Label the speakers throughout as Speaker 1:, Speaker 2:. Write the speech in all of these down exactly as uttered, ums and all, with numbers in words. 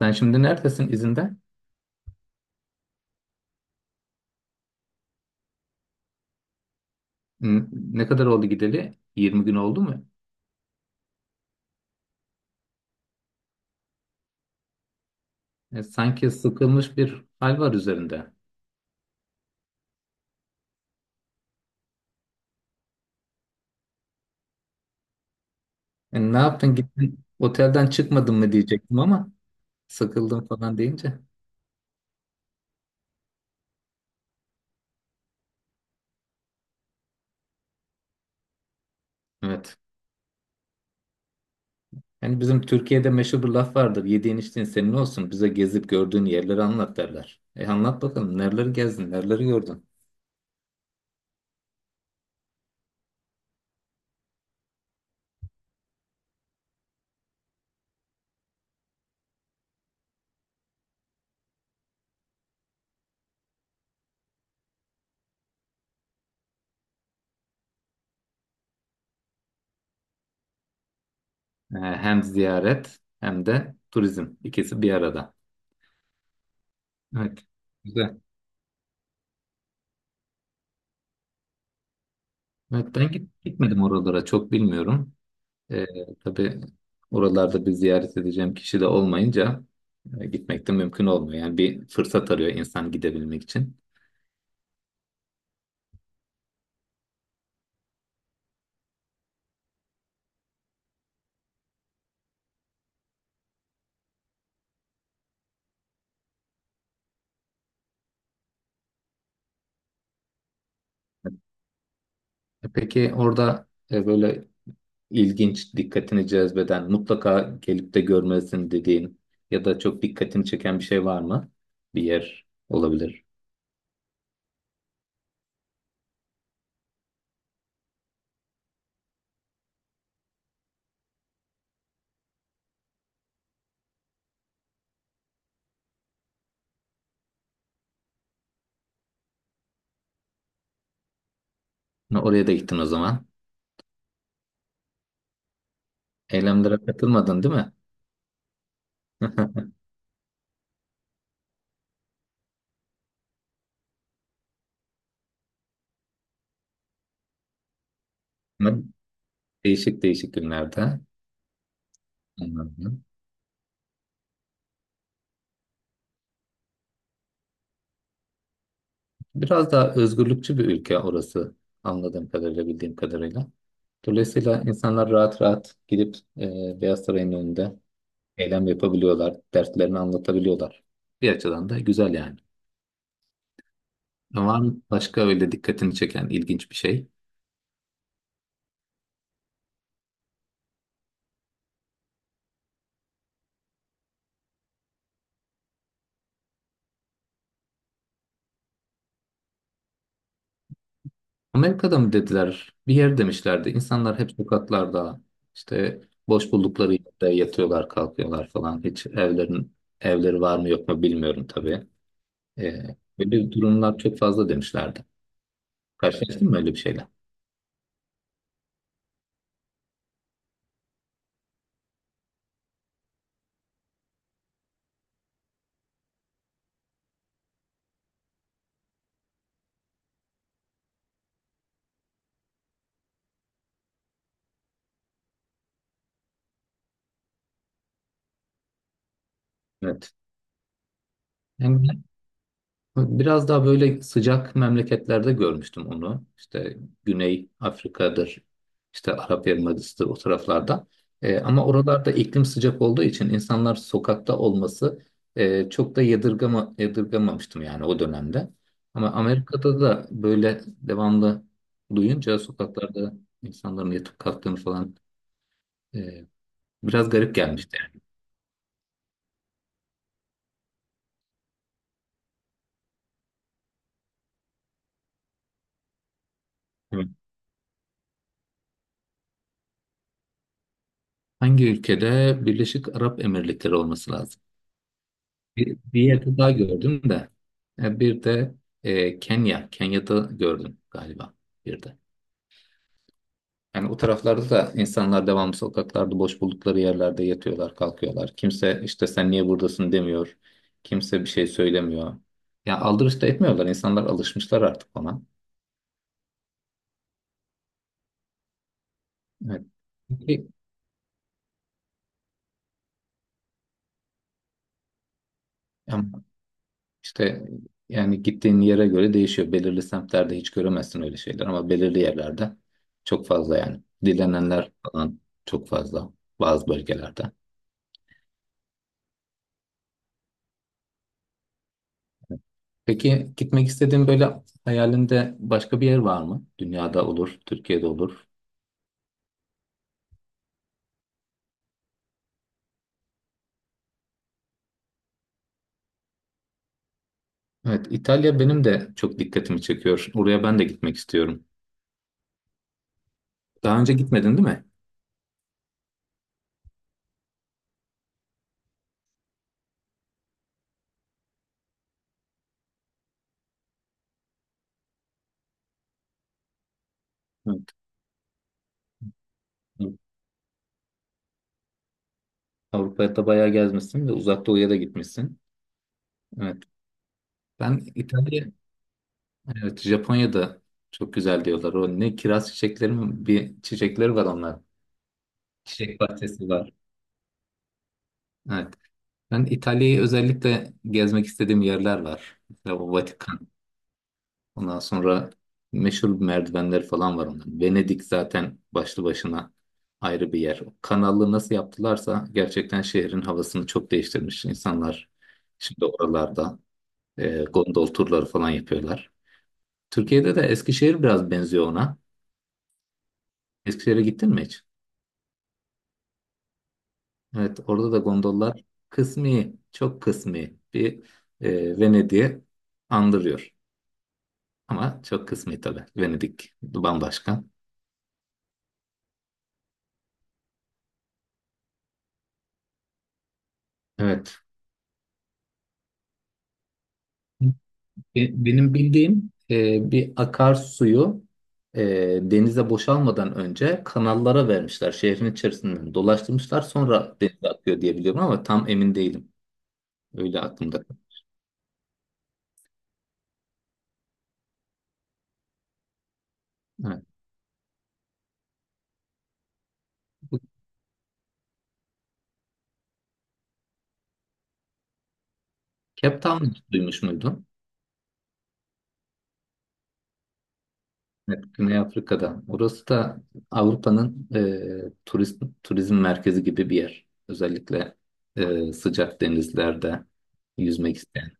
Speaker 1: Sen şimdi neredesin izinde? N- Ne kadar oldu gideli? Yirmi gün oldu mu? E, sanki sıkılmış bir hal var üzerinde. E, ne yaptın gittin otelden çıkmadın mı diyecektim ama sıkıldım falan deyince. Evet. Yani bizim Türkiye'de meşhur bir laf vardır. Yediğin içtiğin senin olsun. Bize gezip gördüğün yerleri anlat derler. E anlat bakalım. Nereleri gezdin? Nereleri gördün? E, hem ziyaret hem de turizm. İkisi bir arada. Evet. Güzel. Evet, ben git- gitmedim oralara çok bilmiyorum. E, tabii oralarda bir ziyaret edeceğim kişi de olmayınca e, gitmek de mümkün olmuyor. Yani bir fırsat arıyor insan gidebilmek için. E, Peki orada e, böyle ilginç, dikkatini cezbeden, mutlaka gelip de görmelisin dediğin ya da çok dikkatini çeken bir şey var mı? Bir yer olabilir. Ne, oraya da gittin o zaman. Eylemlere katılmadın değil mi? Ama değişik değişik günlerde. Anladım. Biraz daha özgürlükçü bir ülke orası, anladığım kadarıyla, bildiğim kadarıyla. Dolayısıyla insanlar rahat rahat gidip e, Beyaz Saray'ın önünde eylem yapabiliyorlar, dertlerini anlatabiliyorlar. Bir açıdan da güzel yani. Ama var mı başka öyle dikkatini çeken ilginç bir şey? Amerika'da mı dediler? Bir yer demişlerdi. İnsanlar hep sokaklarda işte boş buldukları yerde yatıyorlar, kalkıyorlar falan. Hiç evlerin evleri var mı yok mu bilmiyorum tabii. E, Böyle durumlar çok fazla demişlerdi. Karşılaştın mı öyle bir şeyle? Evet. Hem biraz daha böyle sıcak memleketlerde görmüştüm onu. İşte Güney Afrika'dır, işte Arap Yarımadası'dır o taraflarda. Ee, ama oralarda iklim sıcak olduğu için insanlar sokakta olması e, çok da yadırgama, yadırgamamıştım yani o dönemde. Ama Amerika'da da böyle devamlı duyunca sokaklarda insanların yatıp kalktığını falan e, biraz garip gelmişti yani. Evet. Hangi ülkede? Birleşik Arap Emirlikleri olması lazım. Bir, bir yerde daha gördüm de. E, Bir de e, Kenya. Kenya'da gördüm galiba bir de. Yani o taraflarda da insanlar devamlı sokaklarda boş buldukları yerlerde yatıyorlar, kalkıyorlar. Kimse işte sen niye buradasın demiyor. Kimse bir şey söylemiyor. Ya aldırış da etmiyorlar. İnsanlar alışmışlar artık ona. Evet. Peki, İşte yani gittiğin yere göre değişiyor. Belirli semtlerde hiç göremezsin öyle şeyler ama belirli yerlerde çok fazla yani. Dilenenler falan çok fazla bazı bölgelerde. Peki gitmek istediğin böyle hayalinde başka bir yer var mı? Dünyada olur, Türkiye'de olur. Evet, İtalya benim de çok dikkatimi çekiyor. Oraya ben de gitmek istiyorum. Daha önce gitmedin değil mi? Evet. Avrupa'da bayağı gezmişsin ve Uzak Doğu'ya da gitmişsin. Evet. Ben İtalya. Evet, Japonya'da çok güzel diyorlar. O ne, kiraz çiçekleri mi? Bir çiçekleri var onlar. Çiçek bahçesi var. Evet. Ben İtalya'yı özellikle gezmek istediğim yerler var. Mesela o Vatikan. Ondan sonra meşhur merdivenleri falan var onların. Venedik zaten başlı başına ayrı bir yer. O kanalı nasıl yaptılarsa gerçekten şehrin havasını çok değiştirmiş. İnsanlar şimdi oralarda e, gondol turları falan yapıyorlar. Türkiye'de de Eskişehir biraz benziyor ona. Eskişehir'e gittin mi hiç? Evet, orada da gondollar kısmi, çok kısmi bir e, Venedik'i andırıyor. Ama çok kısmi tabii. Venedik bambaşka. Evet. Be- Benim bildiğim e, bir akarsuyu e, denize boşalmadan önce kanallara vermişler. Şehrin içerisinden dolaştırmışlar. Sonra denize akıyor diye biliyorum ama tam emin değilim. Öyle aklımda. Evet. Bu Cape Town'u hiç duymuş muydun? Evet, Güney Afrika'da. Orası da Avrupa'nın e, turist, turizm merkezi gibi bir yer. Özellikle e, sıcak denizlerde yüzmek isteyen,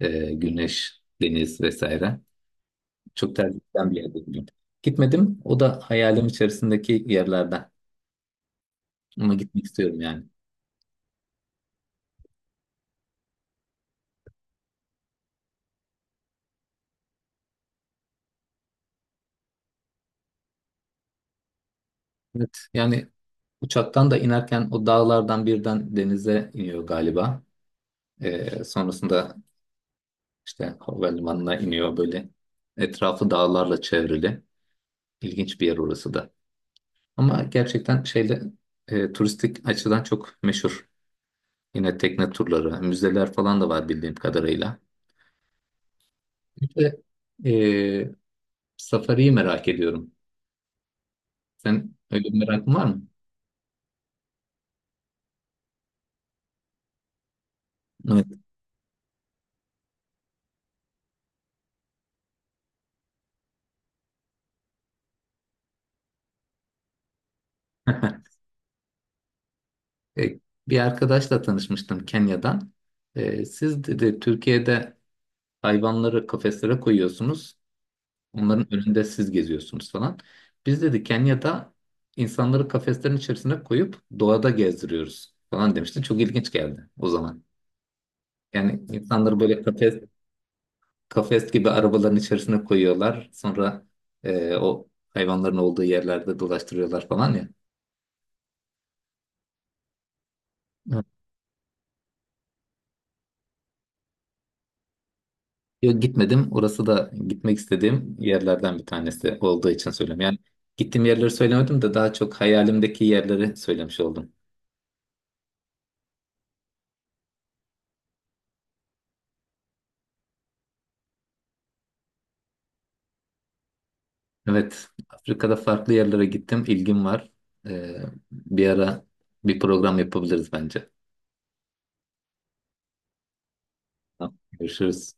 Speaker 1: e, güneş, deniz vesaire. Çok tercih edilen bir yer dedim. Gitmedim. O da hayalim içerisindeki yerlerden. Ama gitmek istiyorum yani. Evet, yani uçaktan da inerken o dağlardan birden denize iniyor galiba. E, sonrasında İşte havalimanına iniyor böyle. Etrafı dağlarla çevrili. İlginç bir yer orası da. Ama gerçekten şeyde e, turistik açıdan çok meşhur. Yine tekne turları, müzeler falan da var bildiğim kadarıyla. İşte de e, safariyi merak ediyorum. Sen öyle bir merakın var mı? Evet. E, Bir arkadaşla tanışmıştım Kenya'dan. E, siz dedi Türkiye'de hayvanları kafeslere koyuyorsunuz. Onların önünde siz geziyorsunuz falan. Biz dedi Kenya'da insanları kafeslerin içerisine koyup doğada gezdiriyoruz falan demişti. Çok ilginç geldi o zaman. Yani insanları böyle kafes, kafes gibi arabaların içerisine koyuyorlar. Sonra e, o hayvanların olduğu yerlerde dolaştırıyorlar falan ya. Hı. Yok gitmedim. Orası da gitmek istediğim yerlerden bir tanesi olduğu için söylüyorum. Yani gittiğim yerleri söylemedim de daha çok hayalimdeki yerleri söylemiş oldum. Evet, Afrika'da farklı yerlere gittim. İlgim var. Ee, Bir ara bir program yapabiliriz bence. Tamam. Görüşürüz.